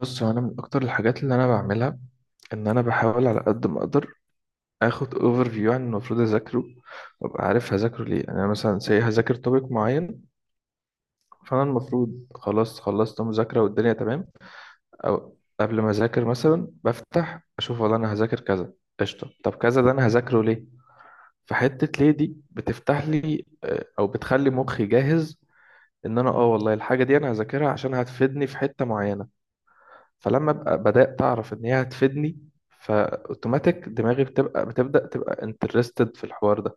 بص، هو انا من اكتر الحاجات اللي انا بعملها ان انا بحاول على قد ما اقدر اخد اوفر فيو عن المفروض اذاكره، وابقى عارف هذاكره ليه. يعني انا مثلا هذاكر توبيك معين، فانا المفروض خلاص خلصت مذاكره والدنيا تمام. او قبل ما اذاكر مثلا بفتح اشوف، والله انا هذاكر كذا قشطه. طب كذا ده انا هذاكره ليه؟ فحته ليه دي بتفتح لي او بتخلي مخي جاهز ان انا والله الحاجه دي انا هذاكرها عشان هتفيدني في حته معينه. فلما ابقى بدات اعرف ان هي هتفيدني، فاوتوماتيك دماغي بتبقى بتبدا تبقى انترستد في الحوار ده.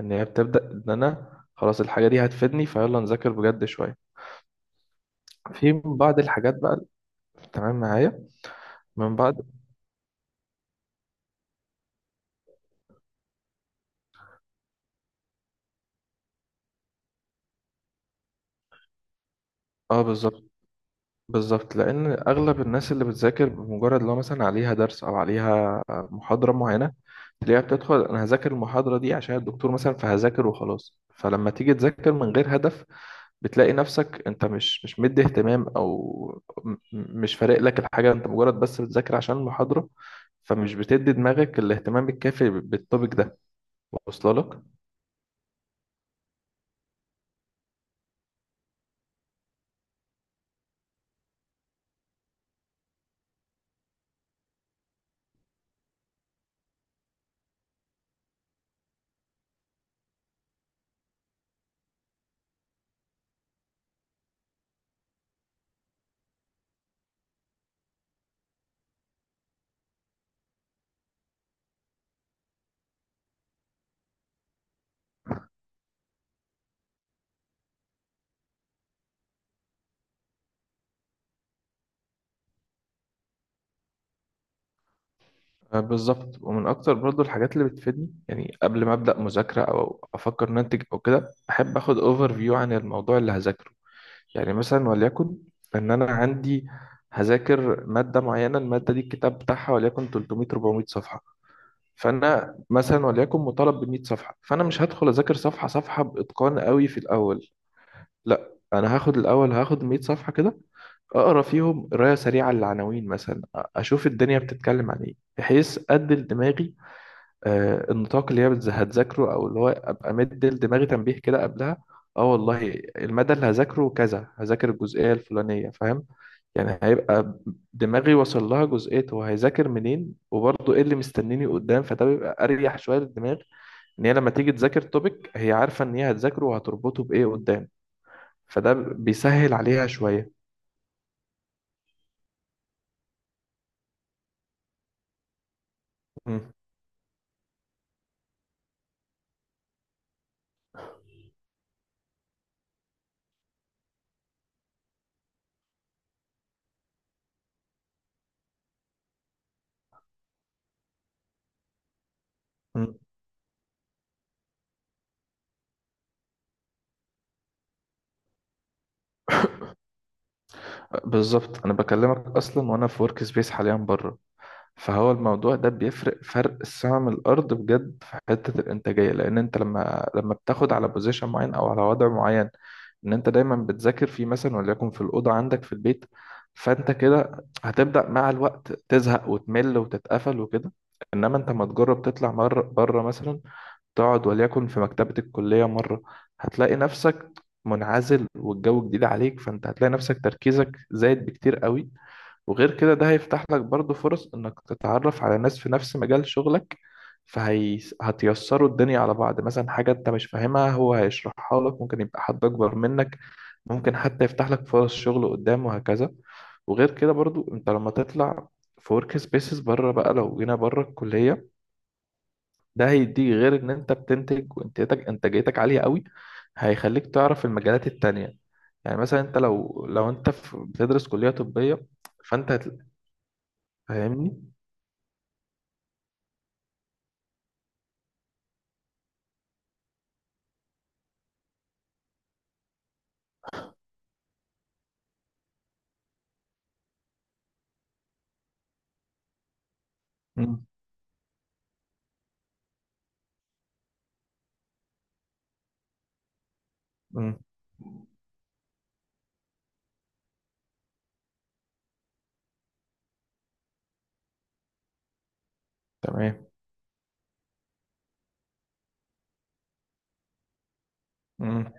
ان هي بتبدا ان انا خلاص الحاجه دي هتفيدني، فيلا نذاكر بجد شويه في بعض الحاجات بقى. تمام معايا؟ من بعد. اه بالظبط. بالظبط، لان اغلب الناس اللي بتذاكر بمجرد لو مثلا عليها درس او عليها محاضره معينه، تلاقيها بتدخل انا هذاكر المحاضره دي عشان الدكتور مثلا، فهذاكر وخلاص. فلما تيجي تذاكر من غير هدف، بتلاقي نفسك انت مش مدي اهتمام، او مش فارق لك الحاجة، انت مجرد بس بتذاكر عشان المحاضرة، فمش بتدي دماغك الاهتمام الكافي بالتوبيك ده، واصله لك؟ آه، بالظبط. ومن اكتر برضو الحاجات اللي بتفيدني، يعني قبل ما ابدا مذاكرة او افكر ان انتج او كده، احب اخد اوفر فيو عن الموضوع اللي هذاكره. يعني مثلا وليكن ان انا عندي هذاكر مادة معينة، المادة دي الكتاب بتاعها وليكن 300 400 صفحة، فانا مثلا وليكن مطالب ب 100 صفحه. فانا مش هدخل اذاكر صفحه صفحه باتقان قوي في الاول، لا انا هاخد الاول هاخد 100 صفحه كده، اقرا فيهم قرايه سريعه للعناوين مثلا. اشوف الدنيا بتتكلم عن ايه، بحيث ادي لدماغي النطاق اللي هي هتذاكره، او اللي هو ابقى مدي لدماغي تنبيه كده قبلها. اه والله المدى اللي هذاكره كذا، هذاكر الجزئيه الفلانيه، فاهم؟ يعني هيبقى دماغي وصل لها جزئية هو هيذاكر منين، وبرضه ايه اللي مستنيني قدام، فده بيبقى اريح شوية للدماغ. ان هي لما تيجي تذاكر توبيك، هي عارفة ان هي هتذاكره وهتربطه بايه قدام، فده بيسهل عليها شوية. مم. مم. بالظبط، انا بكلمك اصلا وانا في ورك سبيس حاليا بره. فهو الموضوع ده بيفرق فرق السما من الارض بجد في حته الانتاجيه، لان انت لما بتاخد على بوزيشن معين او على وضع معين ان انت دايما بتذاكر فيه، مثلا وليكن في الاوضه عندك في البيت، فانت كده هتبدا مع الوقت تزهق وتمل وتتقفل وكده. انما انت ما تجرب تطلع مره بره مثلا، تقعد وليكن في مكتبه الكليه مره. هتلاقي نفسك منعزل والجو جديد عليك، فانت هتلاقي نفسك تركيزك زايد بكتير قوي. وغير كده ده هيفتح لك برضو فرص انك تتعرف على ناس في نفس مجال شغلك، فهي هتيسروا الدنيا على بعض. مثلا حاجة انت مش فاهمها هو هيشرحها لك، ممكن يبقى حد اكبر منك، ممكن حتى يفتح لك فرص شغل قدام وهكذا. وغير كده برضو انت لما تطلع في ورك سبيسز بره بقى، لو جينا بره الكلية، ده هيديك غير ان انت بتنتج وانتاجتك انتاجيتك عالية قوي، هيخليك تعرف المجالات التانية. يعني مثلا انت لو انت بتدرس كلية طبية، فانت فاهمني؟ مم. مم. تمام. مم.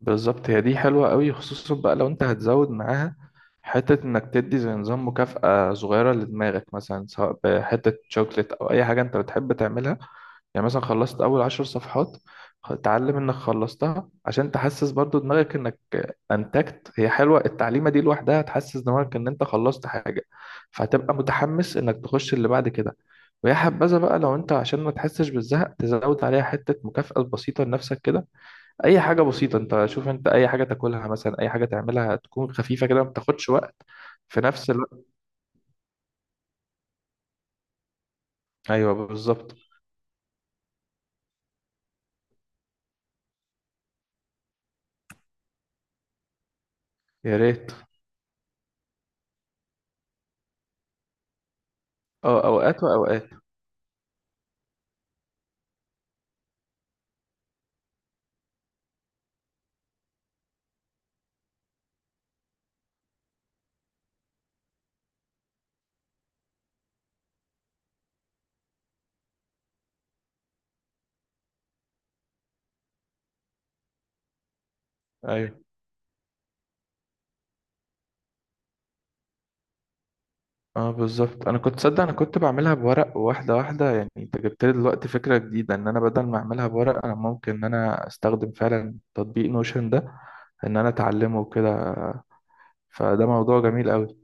بالظبط، هي دي حلوة قوي خصوصا بقى لو انت هتزود معاها حتة انك تدي زي نظام مكافأة صغيرة لدماغك، مثلا سواء بحتة شوكليت او اي حاجة انت بتحب تعملها. يعني مثلا خلصت اول 10 صفحات، اتعلم انك خلصتها عشان تحسس برضو دماغك انك انتجت. هي حلوة التعليمة دي لوحدها، هتحسس دماغك ان انت خلصت حاجة، فهتبقى متحمس انك تخش اللي بعد كده. ويا حبذا بقى لو انت عشان ما تحسش بالزهق تزود عليها حتة مكافأة بسيطة لنفسك كده. اي حاجة بسيطة، انت شوف، انت اي حاجة تاكلها مثلا، اي حاجة تعملها تكون خفيفة كده ما بتاخدش وقت. في نفس الوقت. ايوه بالظبط. يا ريت. اه اوقات واوقات. ايوه. اه بالظبط، انا كنت صدق انا كنت بعملها بورق واحده واحده. يعني انت جبت لي دلوقتي فكره جديده ان انا بدل ما اعملها بورق، انا ممكن ان انا استخدم فعلا تطبيق نوشن ده، ان انا اتعلمه وكده. فده موضوع جميل قوي.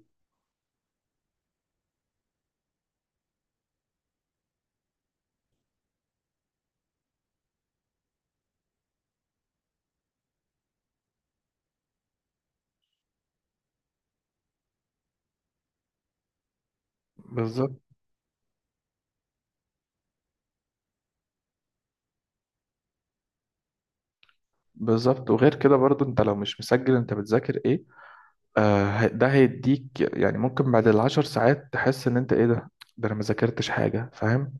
بالظبط. بالظبط، وغير كده برضو انت لو مش مسجل انت بتذاكر ايه، ده هيديك يعني ممكن بعد العشر ساعات تحس ان انت ايه ده، ده انا ما ذاكرتش حاجه، فاهم؟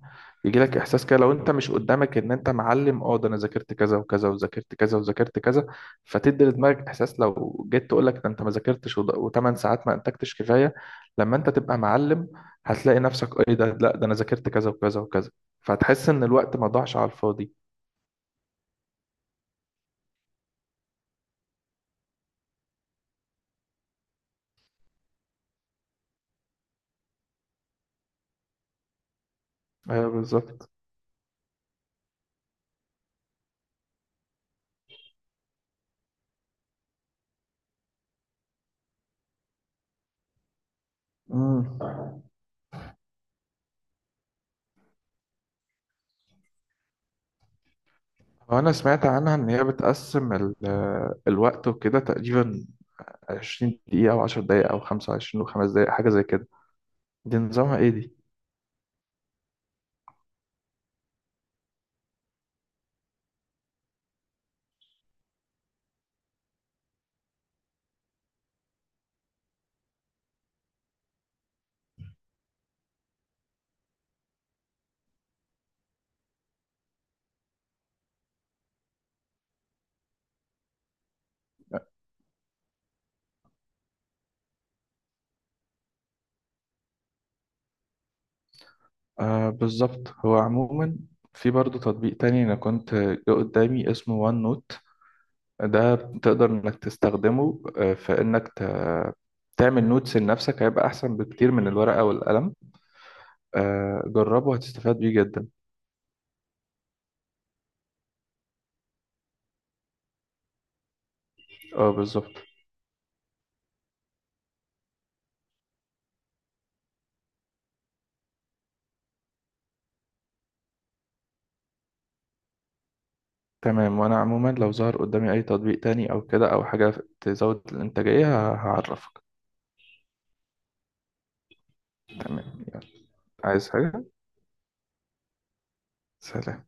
يجي لك احساس كده لو انت مش قدامك ان انت معلم، اه ده انا ذاكرت كذا وكذا وذاكرت كذا وذاكرت كذا. فتدي لدماغك احساس لو جيت تقول لك ده انت ما ذاكرتش و8 ساعات ما انتجتش كفايه. لما انت تبقى معلم، هتلاقي نفسك ايه ده، لا ده انا ذاكرت كذا وكذا وكذا، فهتحس ان الوقت ما ضاعش على الفاضي. ايوه بالظبط. امم أنا سمعت عنها إن هي بتقسم الوقت وكده، تقريبا 20 دقيقة أو 10 دقايق أو 25 وخمس دقايق حاجة زي كده. دي نظامها إيه دي؟ آه بالظبط، هو عموما في برضه تطبيق تاني أنا كنت جه قدامي اسمه وان نوت. ده تقدر إنك تستخدمه في إنك تعمل نوتس لنفسك، هيبقى أحسن بكتير من الورقة والقلم. آه جربه، هتستفاد بيه جدا. اه بالظبط. تمام، وانا عموما لو ظهر قدامي اي تطبيق تاني او كده او حاجة تزود الانتاجية هعرفك. تمام. عايز حاجة. سلام.